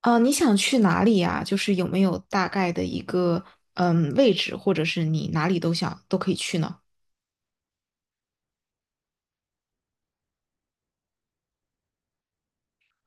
啊，你想去哪里呀？就是有没有大概的一个位置，或者是你哪里都想都可以去呢？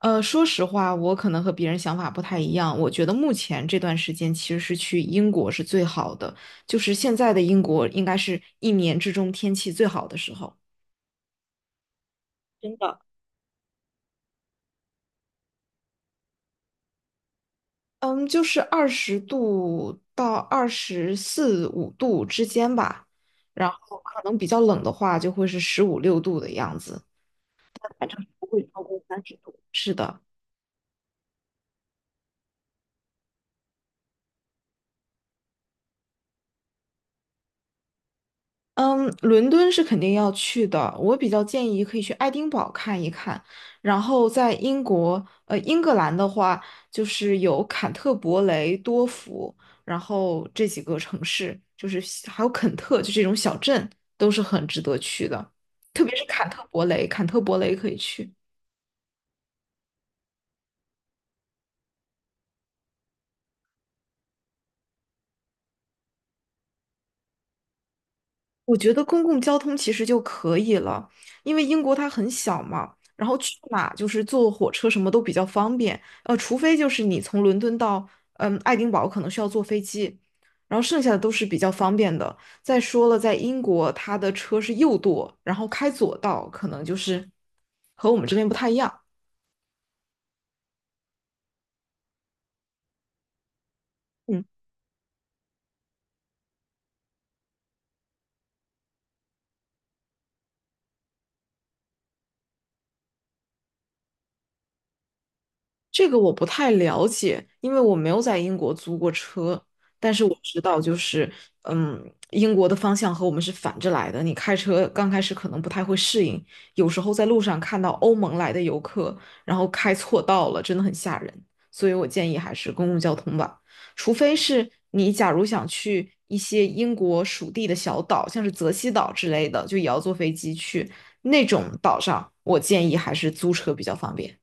说实话，我可能和别人想法不太一样。我觉得目前这段时间其实是去英国是最好的，就是现在的英国应该是一年之中天气最好的时候。真的，嗯，就是20度到二十四五度之间吧，然后可能比较冷的话就会是十五六度的样子，反正不会超过30度。是的，嗯，伦敦是肯定要去的。我比较建议可以去爱丁堡看一看，然后在英国，英格兰的话，就是有坎特伯雷、多福，然后这几个城市，就是还有肯特，就这种小镇，都是很值得去的。特别是坎特伯雷，坎特伯雷可以去。我觉得公共交通其实就可以了，因为英国它很小嘛，然后去哪就是坐火车什么都比较方便，除非就是你从伦敦到爱丁堡可能需要坐飞机，然后剩下的都是比较方便的。再说了，在英国它的车是右舵，然后开左道，可能就是和我们这边不太一样。嗯。这个我不太了解，因为我没有在英国租过车，但是我知道就是，英国的方向和我们是反着来的。你开车刚开始可能不太会适应，有时候在路上看到欧盟来的游客，然后开错道了，真的很吓人。所以我建议还是公共交通吧，除非是你假如想去一些英国属地的小岛，像是泽西岛之类的，就也要坐飞机去那种岛上，我建议还是租车比较方便。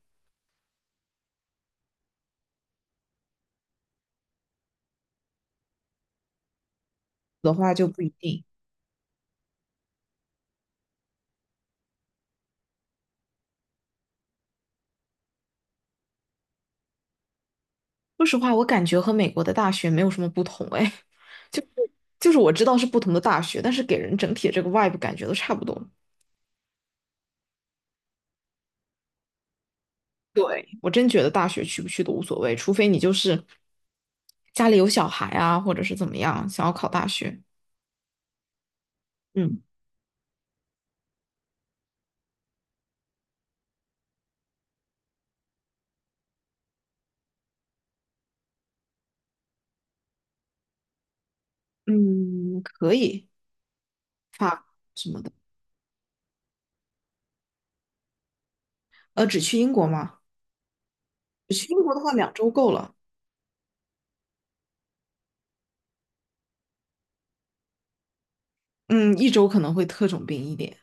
的话就不一定。说实话，我感觉和美国的大学没有什么不同，哎，就就是我知道是不同的大学，但是给人整体的这个 vibe 感觉都差不多。对，我真觉得大学去不去都无所谓，除非你就是家里有小孩啊，或者是怎么样，想要考大学。嗯嗯，可以，发什么的。只去英国吗？只去英国的话，2周够了。嗯，1周可能会特种兵一点，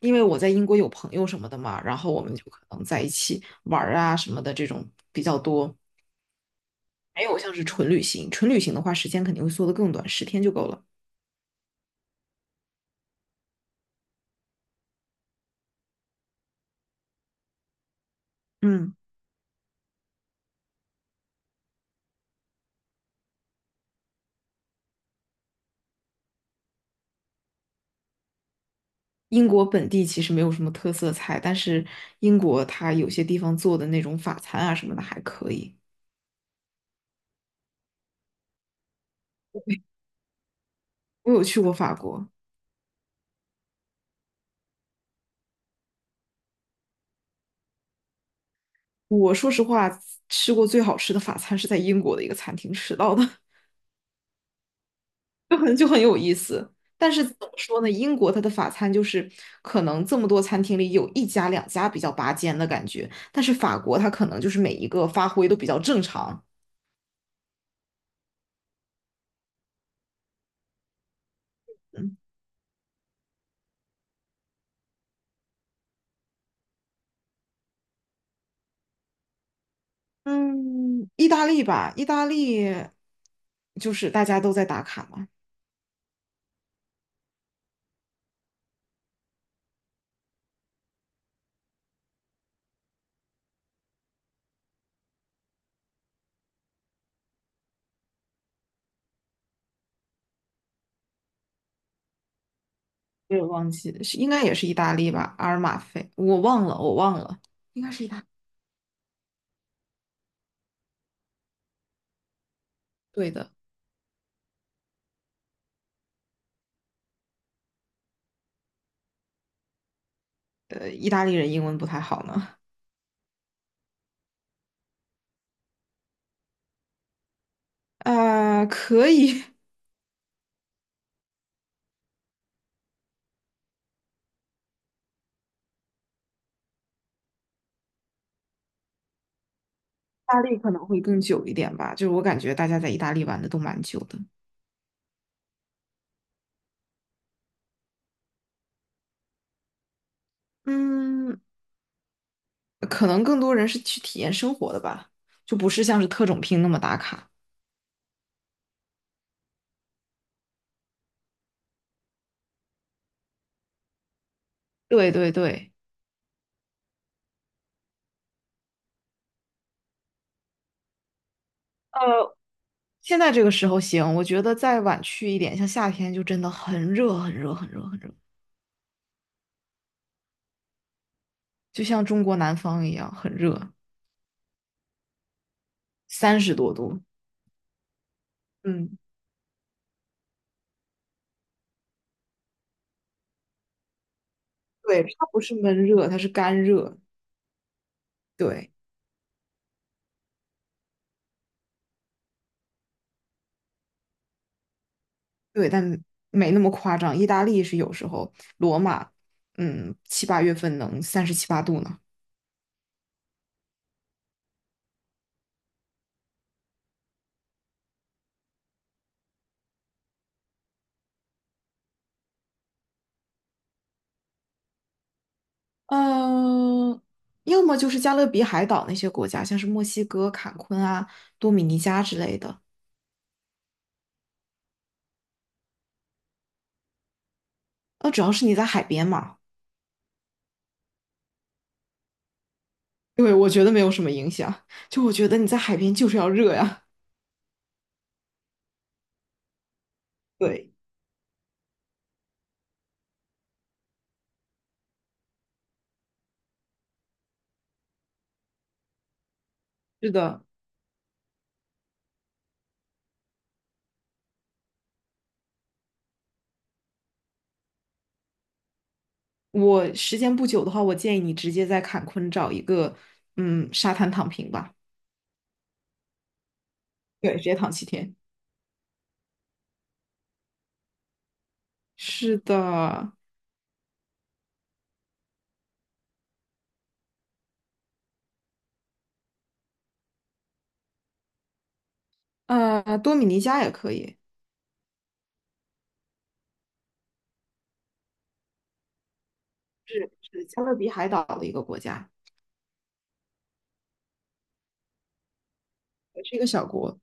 因为我在英国有朋友什么的嘛，然后我们就可能在一起玩儿啊什么的这种比较多。还有像是纯旅行，纯旅行的话，时间肯定会缩得更短，10天就够了。嗯，英国本地其实没有什么特色菜，但是英国它有些地方做的那种法餐啊什么的还可以。我有去过法国，我说实话吃过最好吃的法餐是在英国的一个餐厅吃到的，就很有意思。但是怎么说呢？英国它的法餐就是可能这么多餐厅里有一家两家比较拔尖的感觉，但是法国它可能就是每一个发挥都比较正常。嗯嗯，意大利吧，意大利就是大家都在打卡嘛，我也忘记了是应该也是意大利吧，阿尔马菲，我忘了，我忘了，应该是对的，意大利人英文不太好呢，可以，意大利可能会更久一点吧，就是我感觉大家在意大利玩的都蛮久的，嗯，可能更多人是去体验生活的吧，就不是像是特种兵那么打卡，对对对。呃，现在这个时候行，我觉得再晚去一点，像夏天就真的很热，很热，很热，很热，就像中国南方一样，很热，30多度。嗯，对，它不是闷热，它是干热。对，对，但没那么夸张。意大利是有时候，罗马，七八月份能三十七八度呢。嗯，要么就是加勒比海岛那些国家，像是墨西哥、坎昆啊、多米尼加之类的。主要是你在海边嘛。对，我觉得没有什么影响。就我觉得你在海边就是要热呀。对，是的，我时间不久的话，我建议你直接在坎昆找一个沙滩躺平吧。对，直接躺7天。是的，多米尼加也可以，是是加勒比海岛的一个国家，也是一个小国。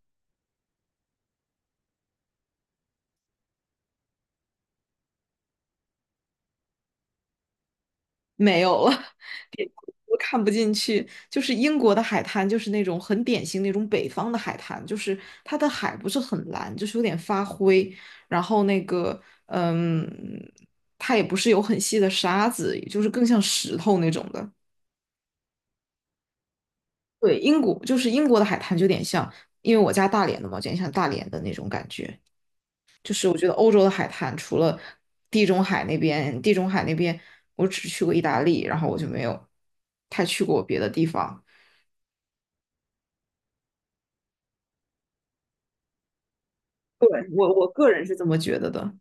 没有了，点都看不进去。就是英国的海滩，就是那种很典型那种北方的海滩，就是它的海不是很蓝，就是有点发灰，然后那个嗯，它也不是有很细的沙子，就是更像石头那种的。对，英国就是英国的海滩，就有点像，因为我家大连的嘛，有点像大连的那种感觉。就是我觉得欧洲的海滩，除了地中海那边，地中海那边我只去过意大利，然后我就没有太去过别的地方。对，我个人是这么觉得的。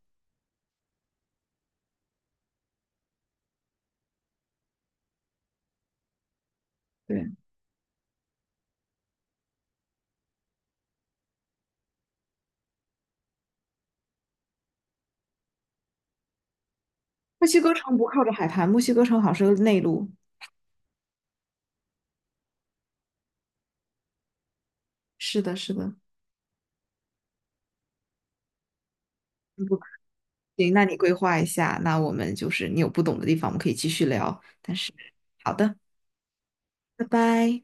对，墨西哥城不靠着海滩，墨西哥城好像是个内陆。是的，是的。嗯不行，那你规划一下，那我们就是你有不懂的地方，我们可以继续聊。但是，好的，拜拜。